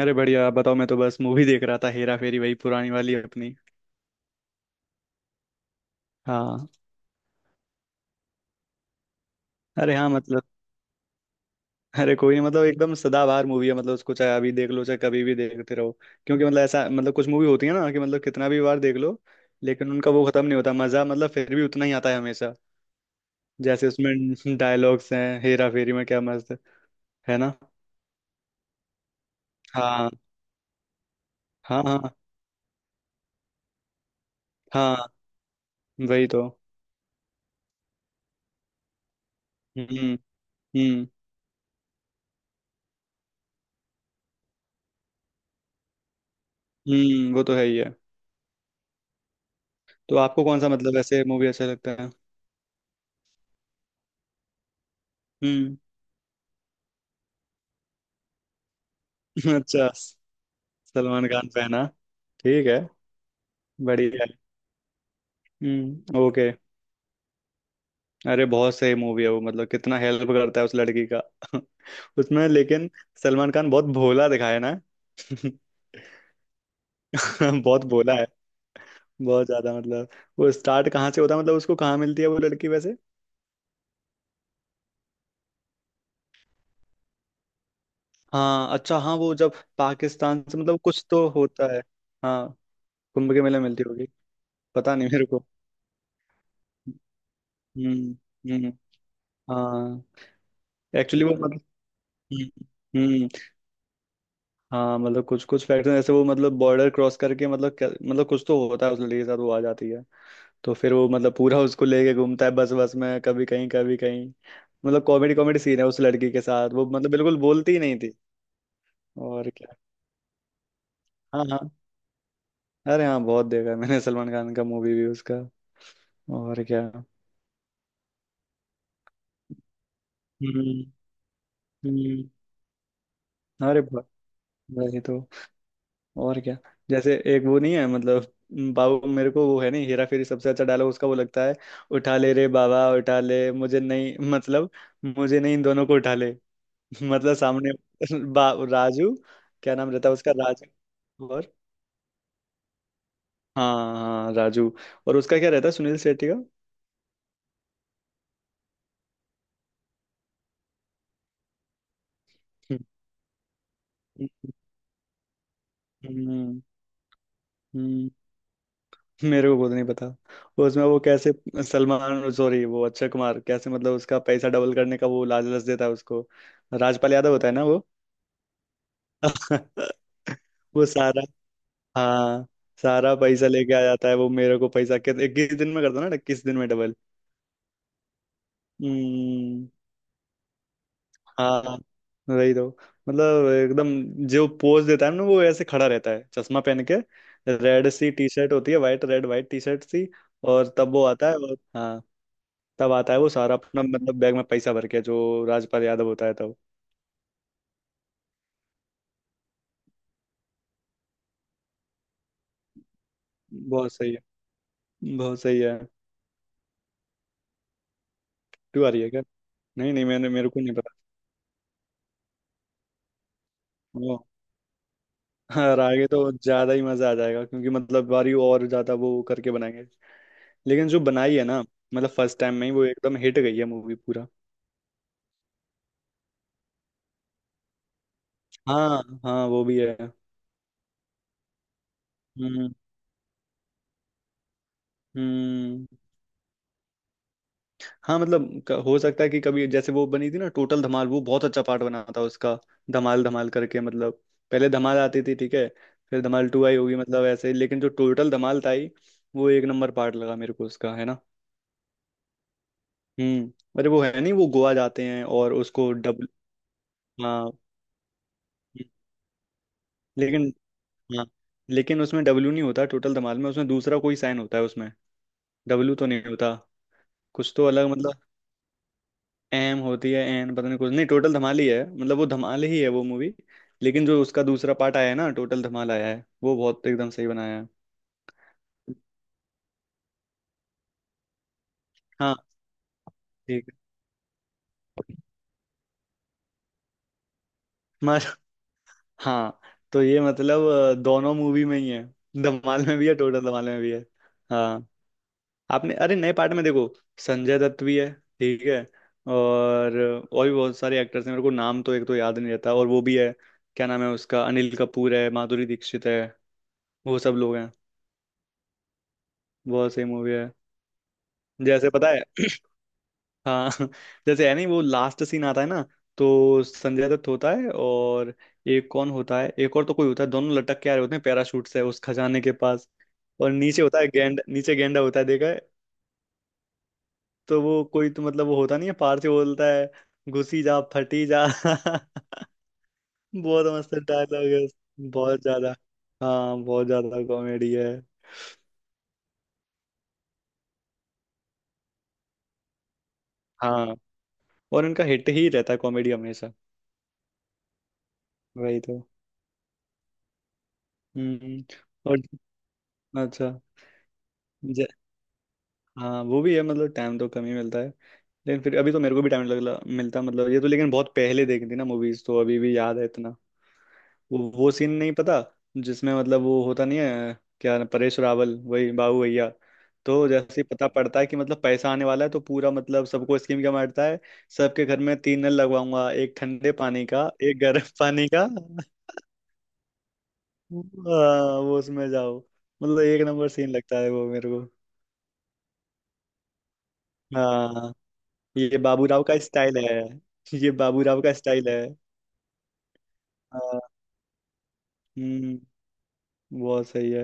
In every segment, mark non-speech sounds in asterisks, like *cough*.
अरे बढ़िया। आप बताओ। मैं तो बस मूवी देख रहा था, हेरा फेरी, वही पुरानी वाली अपनी। हाँ। अरे हाँ, मतलब। अरे कोई नहीं, मतलब एकदम सदाबहार मूवी है। मतलब उसको चाहे अभी देख लो, चाहे कभी भी देखते रहो। क्योंकि मतलब ऐसा, मतलब कुछ मूवी होती है ना कि मतलब कितना भी बार देख लो। लेकिन उनका वो खत्म नहीं होता मजा, मतलब फिर भी उतना ही आता है हमेशा। जैसे उसमें डायलॉग्स हैं हेरा फेरी में, क्या मस्त। है ना। हाँ, हाँ। हाँ, हाँ। वही तो। हम्म, हम्म, हम्म। वो तो है ही है। तो आपको कौन सा, मतलब, ऐसे मूवी अच्छा लगता है? हम्म। *laughs* अच्छा। सलमान खान फैन, हाँ। ठीक है। बढ़िया है। हम्म, ओके। अरे बहुत सही मूवी है वो। मतलब कितना हेल्प करता है उस लड़की का। *laughs* उसमें लेकिन। सलमान खान बहुत भोला दिखाया ना। *laughs* बहुत भोला है। बहुत ज्यादा मतलब। वो स्टार्ट कहाँ से होता है? मतलब उसको कहाँ मिलती है वो लड़की, वैसे? हाँ अच्छा, हाँ वो जब पाकिस्तान से, मतलब कुछ तो होता है। हाँ। कुंभ के मेले मिलती होगी। पता नहीं मेरे को। हम्म, हम्म, हाँ। एक्चुअली वो मतलब। हम्म, हम्म। हाँ, मतलब कुछ कुछ फैक्टर ऐसे वो, मतलब बॉर्डर क्रॉस करके मतलब मतलब कुछ तो होता है उस लड़की के साथ, वो आ जाती है। तो फिर वो मतलब पूरा उसको लेके घूमता है, बस बस में, कभी कहीं कभी कहीं। मतलब कॉमेडी कॉमेडी सीन है उस लड़की के साथ, वो मतलब बिल्कुल बोलती ही नहीं थी। और क्या। हाँ, हाँ। अरे हाँ, बहुत देखा है मैंने। *laughs* सलमान खान का मूवी भी उसका। और क्या। हम्म, हम्म। अरे वही तो। और क्या। जैसे एक वो नहीं है मतलब। बाबू, मेरे को वो है नहीं? हेरा फेरी सबसे अच्छा डायलॉग उसका वो लगता है। उठा ले रे बाबा, उठा ले, मुझे नहीं। *laughs* मतलब। मुझे नहीं, इन दोनों को उठा ले। *laughs* मतलब सामने। बा राजू। क्या नाम रहता है उसका? राजू, और? हाँ हाँ, राजू। और उसका क्या रहता है सुनील शेट्टी का? *laughs* हम्म, हम्म, हम्म। मेरे को खुद नहीं पता। उसमें वो कैसे। सलमान, सॉरी, वो अक्षय कुमार कैसे मतलब उसका पैसा डबल करने का वो लालच देता है उसको। राजपाल यादव होता है ना। *laughs* वो सारा। हाँ। सारा पैसा लेके आ जाता है वो मेरे को। पैसा 21 दिन में कर दो ना, 21 दिन में डबल। हम्म। हाँ। वही तो। मतलब एकदम। जो पोज देता है ना, वो ऐसे खड़ा रहता है चश्मा पहन के। रेड सी टी शर्ट होती है, white, red white T shirt सी। और तब वो आता है, और हाँ। तब आता है वो सारा अपना, मतलब बैग में पैसा भर के जो राजपाल यादव होता है तब। बहुत सही है। बहुत सही है। तू आ रही है क्या? नहीं, नहीं, मैंने मेरे को नहीं पता। हाँ, रागे तो ज्यादा ही मजा आ जाएगा क्योंकि मतलब बारी और ज्यादा वो करके बनाएंगे। लेकिन जो बनाई है ना। मतलब फर्स्ट टाइम में ही वो एकदम हिट गई है मूवी पूरा। हाँ हाँ, वो भी है। हम्म, हम्म। हाँ, मतलब हो सकता है कि कभी जैसे वो बनी थी ना टोटल धमाल, वो बहुत अच्छा पार्ट बना था उसका। धमाल धमाल करके मतलब। पहले धमाल आती थी, ठीक है। फिर धमाल टू आई होगी, मतलब ऐसे ही। लेकिन जो टोटल धमाल था ही। वो एक नंबर पार्ट लगा मेरे को उसका, है ना। हम्म, अरे वो है नहीं, वो गोवा जाते हैं और उसको डबल। हाँ। लेकिन। हाँ लेकिन उसमें डब्ल्यू नहीं होता, टोटल धमाल में उसमें दूसरा कोई साइन होता है उसमें। डब्ल्यू तो नहीं होता। कुछ तो अलग मतलब। एम होती है एन, पता नहीं, कुछ नहीं। टोटल धमाल ही है, मतलब वो धमाल ही है वो मूवी। लेकिन जो उसका दूसरा पार्ट आया है ना, टोटल धमाल आया है, वो बहुत एकदम सही बनाया है। हाँ। ठीक है। मस हाँ तो ये मतलब दोनों मूवी में ही है। धमाल में भी है, टोटल धमाल में भी है। हाँ। आपने, अरे, नए पार्ट में देखो। संजय दत्त भी है। ठीक है। और। और भी बहुत सारे एक्टर्स हैं, मेरे को नाम तो एक तो याद नहीं रहता, और वो भी है। क्या नाम है उसका? अनिल कपूर है, माधुरी दीक्षित है। वो सब लोग हैं। बहुत सही मूवी है। जैसे पता है। *clears throat* हाँ। जैसे है नहीं वो लास्ट सीन आता है ना। तो संजय दत्त होता है और। एक कौन होता है, एक और तो कोई होता है, दोनों लटक के आ रहे होते हैं पैराशूट से उस खजाने के पास। और नीचे होता है गेंड नीचे गेंडा होता है, देखा। तो वो कोई तो मतलब वो होता नहीं है, पार से बोलता है। घुसी जा फटी जा। *laughs* बहुत मस्त डायलॉग है बहुत ज्यादा। हाँ बहुत ज्यादा कॉमेडी है। हाँ। और उनका हिट ही रहता है कॉमेडी हमेशा। वही तो। हम्म। और। अच्छा। ज- हाँ, वो भी है, मतलब टाइम तो कम ही मिलता है। लेकिन फिर अभी तो मेरे को भी टाइम लगला मिलता, मतलब ये तो। लेकिन बहुत पहले देखी थी ना मूवीज, तो अभी भी याद है इतना। वो सीन नहीं पता। जिसमें मतलब वो होता नहीं है क्या, परेश रावल, वही बाबू भैया। तो जैसे ही पता पड़ता है कि मतलब पैसा आने वाला है, तो पूरा, मतलब सबको स्कीम क्या मारता है। सबके घर में तीन नल लगवाऊंगा, एक ठंडे पानी का, एक गर्म पानी का। हाँ, वो उसमें जाओ। मतलब एक नंबर सीन लगता है वो मेरे को। हाँ। ये बाबू राव का स्टाइल है। ये बाबू राव का स्टाइल है। हाँ, हम्म। बहुत सही है।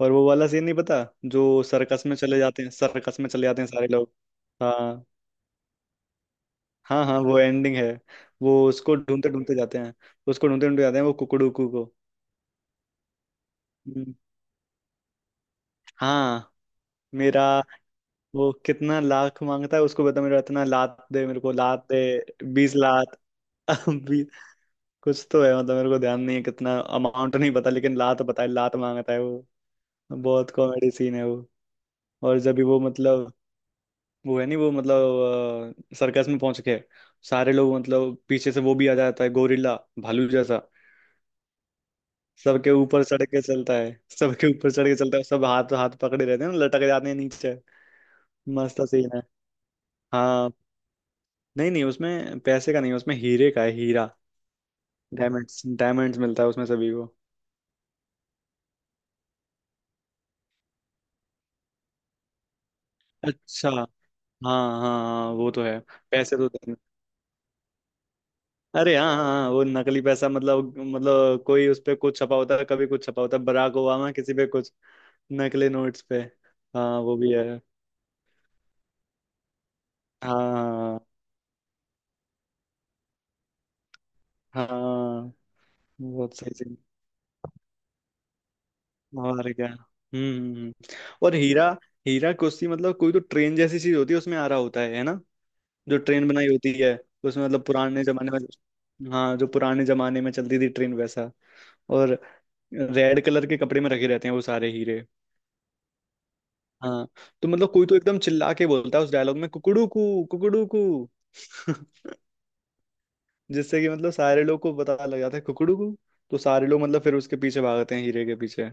और वो वाला सीन नहीं पता। जो सर्कस में चले जाते हैं, सर्कस में चले जाते हैं सारे लोग। हाँ। हाँ हाँ, वो एंडिंग है। वो उसको ढूंढते ढूंढते जाते हैं। उसको ढूंढते ढूंढते जाते हैं वो कुकड़ू को। हम्म, हाँ। मेरा। वो कितना लाख मांगता है? उसको बता मेरा इतना लात दे मेरे को, लात दे। 20 लाख। *laughs* भी। कुछ तो है मतलब, मेरे को ध्यान नहीं है कितना अमाउंट नहीं पता, लेकिन लात पता है, लात मांगता है वो। बहुत कॉमेडी सीन है वो। और जब भी वो मतलब। वो है नहीं वो, मतलब सर्कस में पहुंच के। सारे लोग, मतलब पीछे से वो भी आ जाता है गोरिल्ला। भालू जैसा। सबके ऊपर चढ़ के चलता है। सबके ऊपर चढ़ के चलता है, सब हाथ हाथ पकड़े रहते हैं ना, लटक जाते हैं नीचे। मस्त सीन है। हाँ। नहीं नहीं, उसमें पैसे का नहीं, उसमें हीरे का है हीरा। डायमंड्स डायमंड्स मिलता है उसमें सभी को। अच्छा। हाँ हाँ हाँ, वो तो है। पैसे तो अरे हाँ हाँ हाँ, वो नकली पैसा, मतलब कोई उस पे कुछ छपा होता है, कभी कुछ छपा होता है बराक ओबामा किसी पे कुछ। नकली नोट्स पे। हाँ, वो भी है। हाँ हाँ। बहुत सही सीन। और क्या। हम्म, और हीरा। हीरा कुश्ती, मतलब कोई तो ट्रेन जैसी चीज होती है, उसमें आ रहा होता है ना। जो ट्रेन बनाई होती है। उसमें मतलब पुराने जमाने में, हाँ, जो पुराने जमाने में चलती थी ट्रेन वैसा। और। रेड कलर के कपड़े में रखे रहते हैं वो सारे हीरे। हाँ। तो मतलब कोई तो एकदम चिल्ला के बोलता है उस डायलॉग में, कुकड़ू कू कुकड़ू कू। *laughs* जिससे कि मतलब सारे लोग को पता लग जाता है कुकड़ू को। तो सारे लोग मतलब फिर उसके पीछे भागते हैं हीरे के पीछे।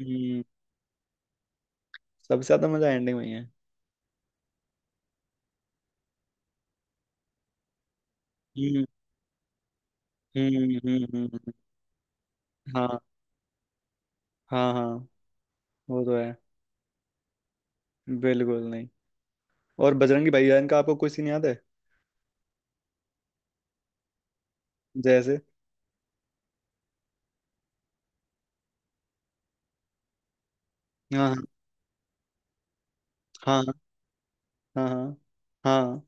हम्म। सबसे ज्यादा मजा एंडिंग में ही है। हम्म, हम्म, हम्म, हाँ। हाँ हाँ, वो तो है। बिल्कुल नहीं। और बजरंगी भाईजान का आपको कोई सीन याद है? जैसे। हाँ हाँ हाँ हाँ हाँ।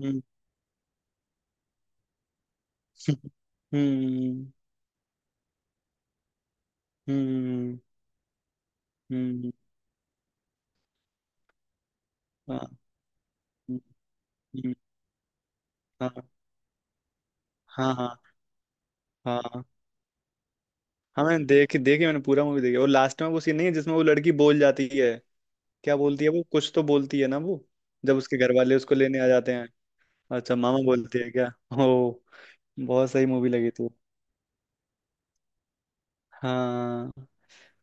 हम्म, हम्म, हम्म, हम्म। हाँ, हम्म, हाँ हाँ हाँ। हाँ हाँ मैंने देखी, देखी मैंने पूरा मूवी देखी। और लास्ट में वो सीन नहीं है जिसमें वो लड़की बोल जाती है। क्या बोलती है वो? कुछ तो बोलती है ना वो। जब उसके घर वाले उसको लेने आ जाते हैं। अच्छा, मामा बोलती है क्या? ओ। बहुत सही मूवी लगी थी। हाँ।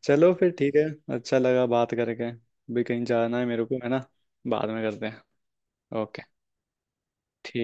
चलो फिर ठीक है। अच्छा लगा बात करके। भी कहीं जाना है मेरे को, है ना। बाद में करते हैं। ओके। ठीक।